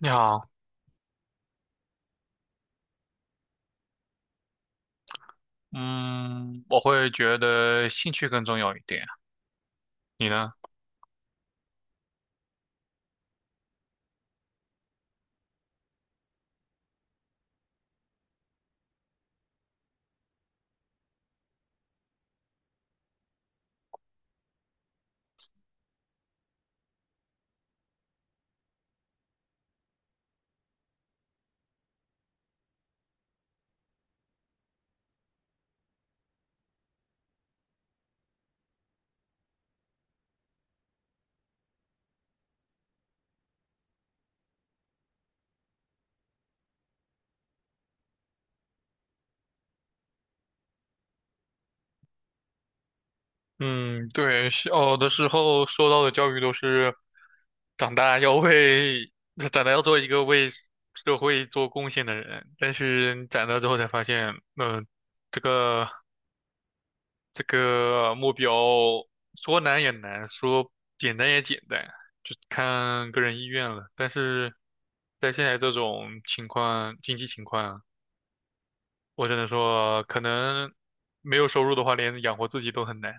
你好，嗯，我会觉得兴趣更重要一点，你呢？嗯，对，小的时候受到的教育都是长大要为，长大要做一个为社会做贡献的人，但是你长大之后才发现，这个这个目标说难也难，说简单也简单，就看个人意愿了。但是在现在这种情况，经济情况。我只能说，可能没有收入的话，连养活自己都很难。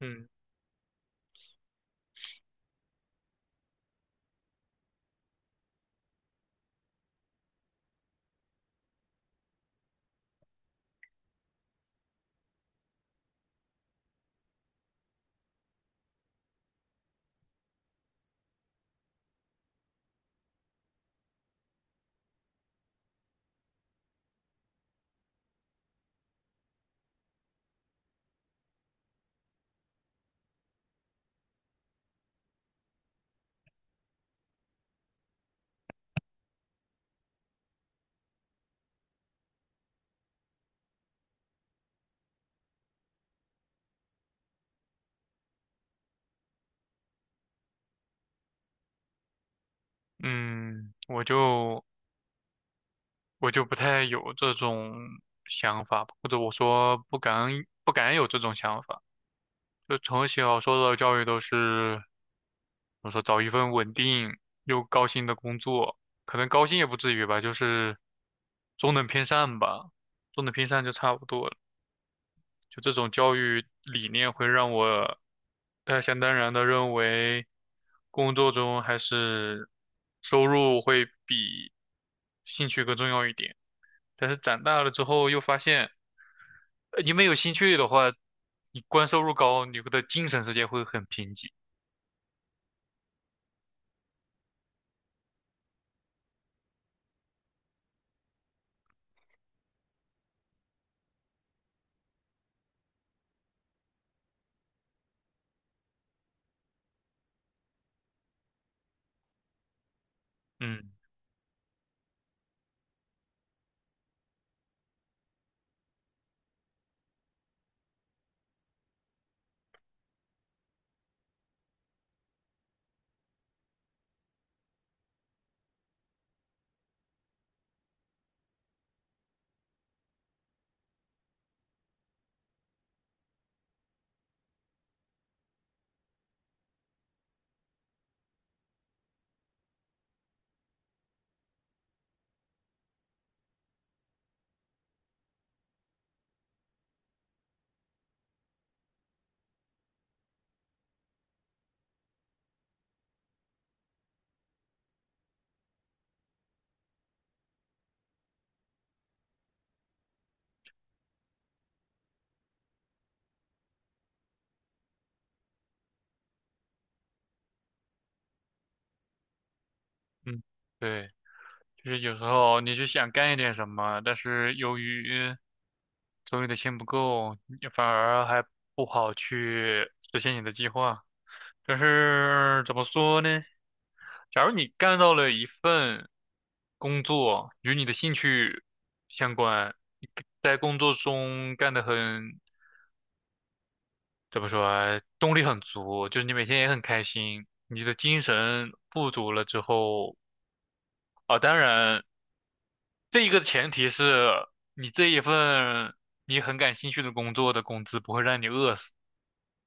嗯嗯，我就我就不太有这种想法吧，或者我说不敢有这种想法。就从小受到的教育都是，我说找一份稳定又高薪的工作，可能高薪也不至于吧，就是中等偏上吧，中等偏上就差不多了。就这种教育理念会让我，想当然的认为，工作中还是收入会比兴趣更重要一点。但是长大了之后又发现，你没有兴趣的话，你光收入高，你会的精神世界会很贫瘠。嗯嗯，对，就是有时候你就想干一点什么，但是由于手里的钱不够，你反而还不好去实现你的计划。就是怎么说呢？假如你干到了一份工作与你的兴趣相关，你在工作中干得很，怎么说啊，动力很足，就是你每天也很开心，你的精神富足了之后啊，当然这一个前提是你这一份你很感兴趣的工作的工资不会让你饿死，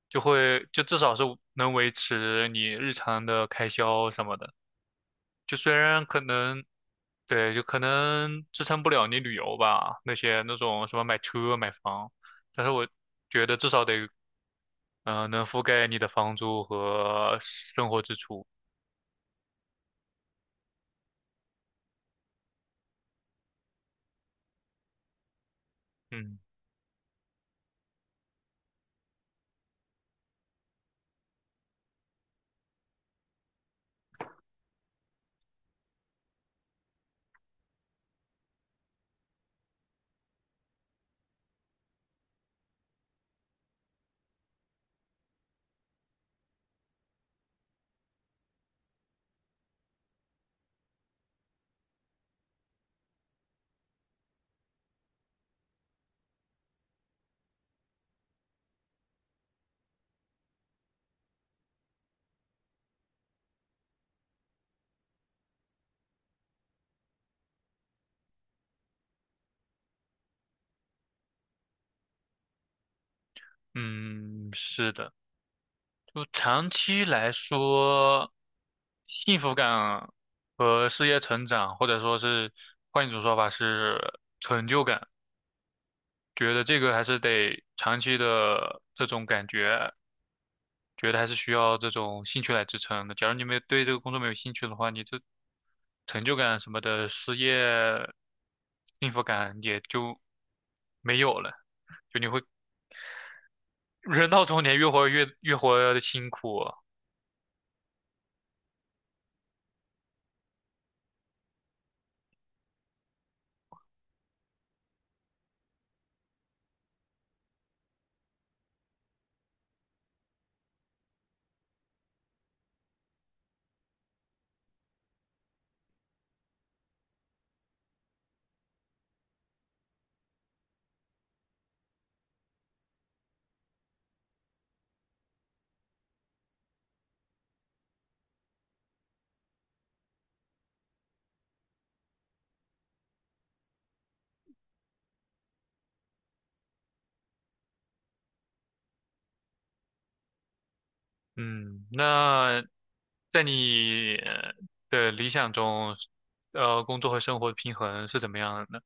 就至少是能维持你日常的开销什么的。就虽然可能，对，就可能支撑不了你旅游吧，那种什么买车买房，但是我觉得至少得，能覆盖你的房租和生活支出。嗯嗯，是的，就长期来说，幸福感和事业成长，或者说是换一种说法是成就感，觉得这个还是得长期的这种感觉。觉得还是需要这种兴趣来支撑的。假如你没有对这个工作没有兴趣的话，你这成就感什么的，失业幸福感也就没有了。就你会人到中年，越活的辛苦。嗯，那在你的理想中，工作和生活的平衡是怎么样的呢？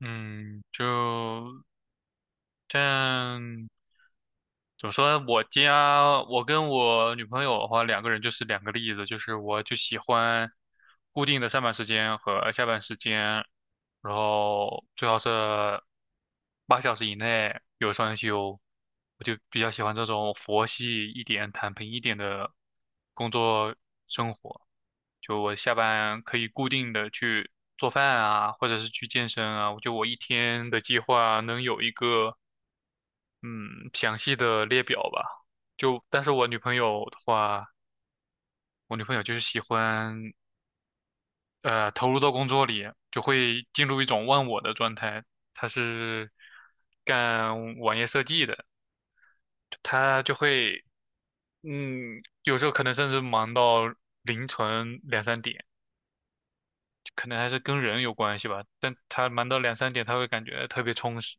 嗯，就但怎么说呢？我跟我女朋友的话，两个人就是两个例子，就是我就喜欢固定的上班时间和下班时间，然后最好是8小时以内有双休，我就比较喜欢这种佛系一点、躺平一点的工作生活。就我下班可以固定的去做饭啊，或者是去健身啊，我一天的计划能有一个。嗯，详细的列表吧。但是我女朋友的话，我女朋友就是喜欢，投入到工作里，就会进入一种忘我的状态。她是干网页设计的，她就会，有时候可能甚至忙到凌晨两三点，可能还是跟人有关系吧。但她忙到两三点，她会感觉特别充实。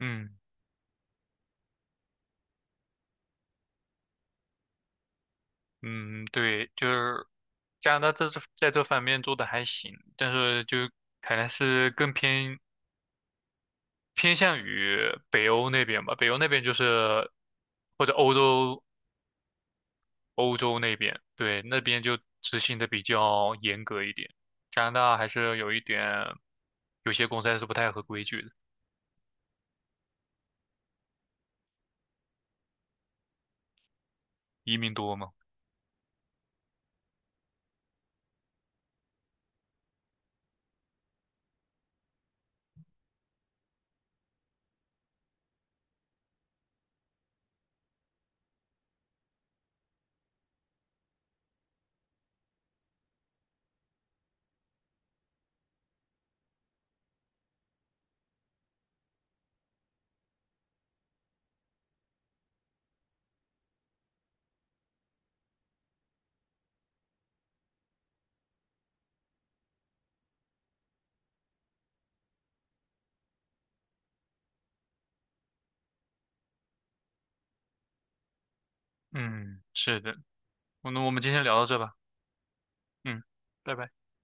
嗯。嗯，对，就是加拿大在这方面做的还行，但是就可能是更偏向于北欧那边吧，北欧那边就是或者欧洲那边，对，那边就执行的比较严格一点。加拿大还是有一点，有些公司还是不太合规矩的，移民多嘛。嗯，是的，那我们今天聊到这吧。嗯，拜拜。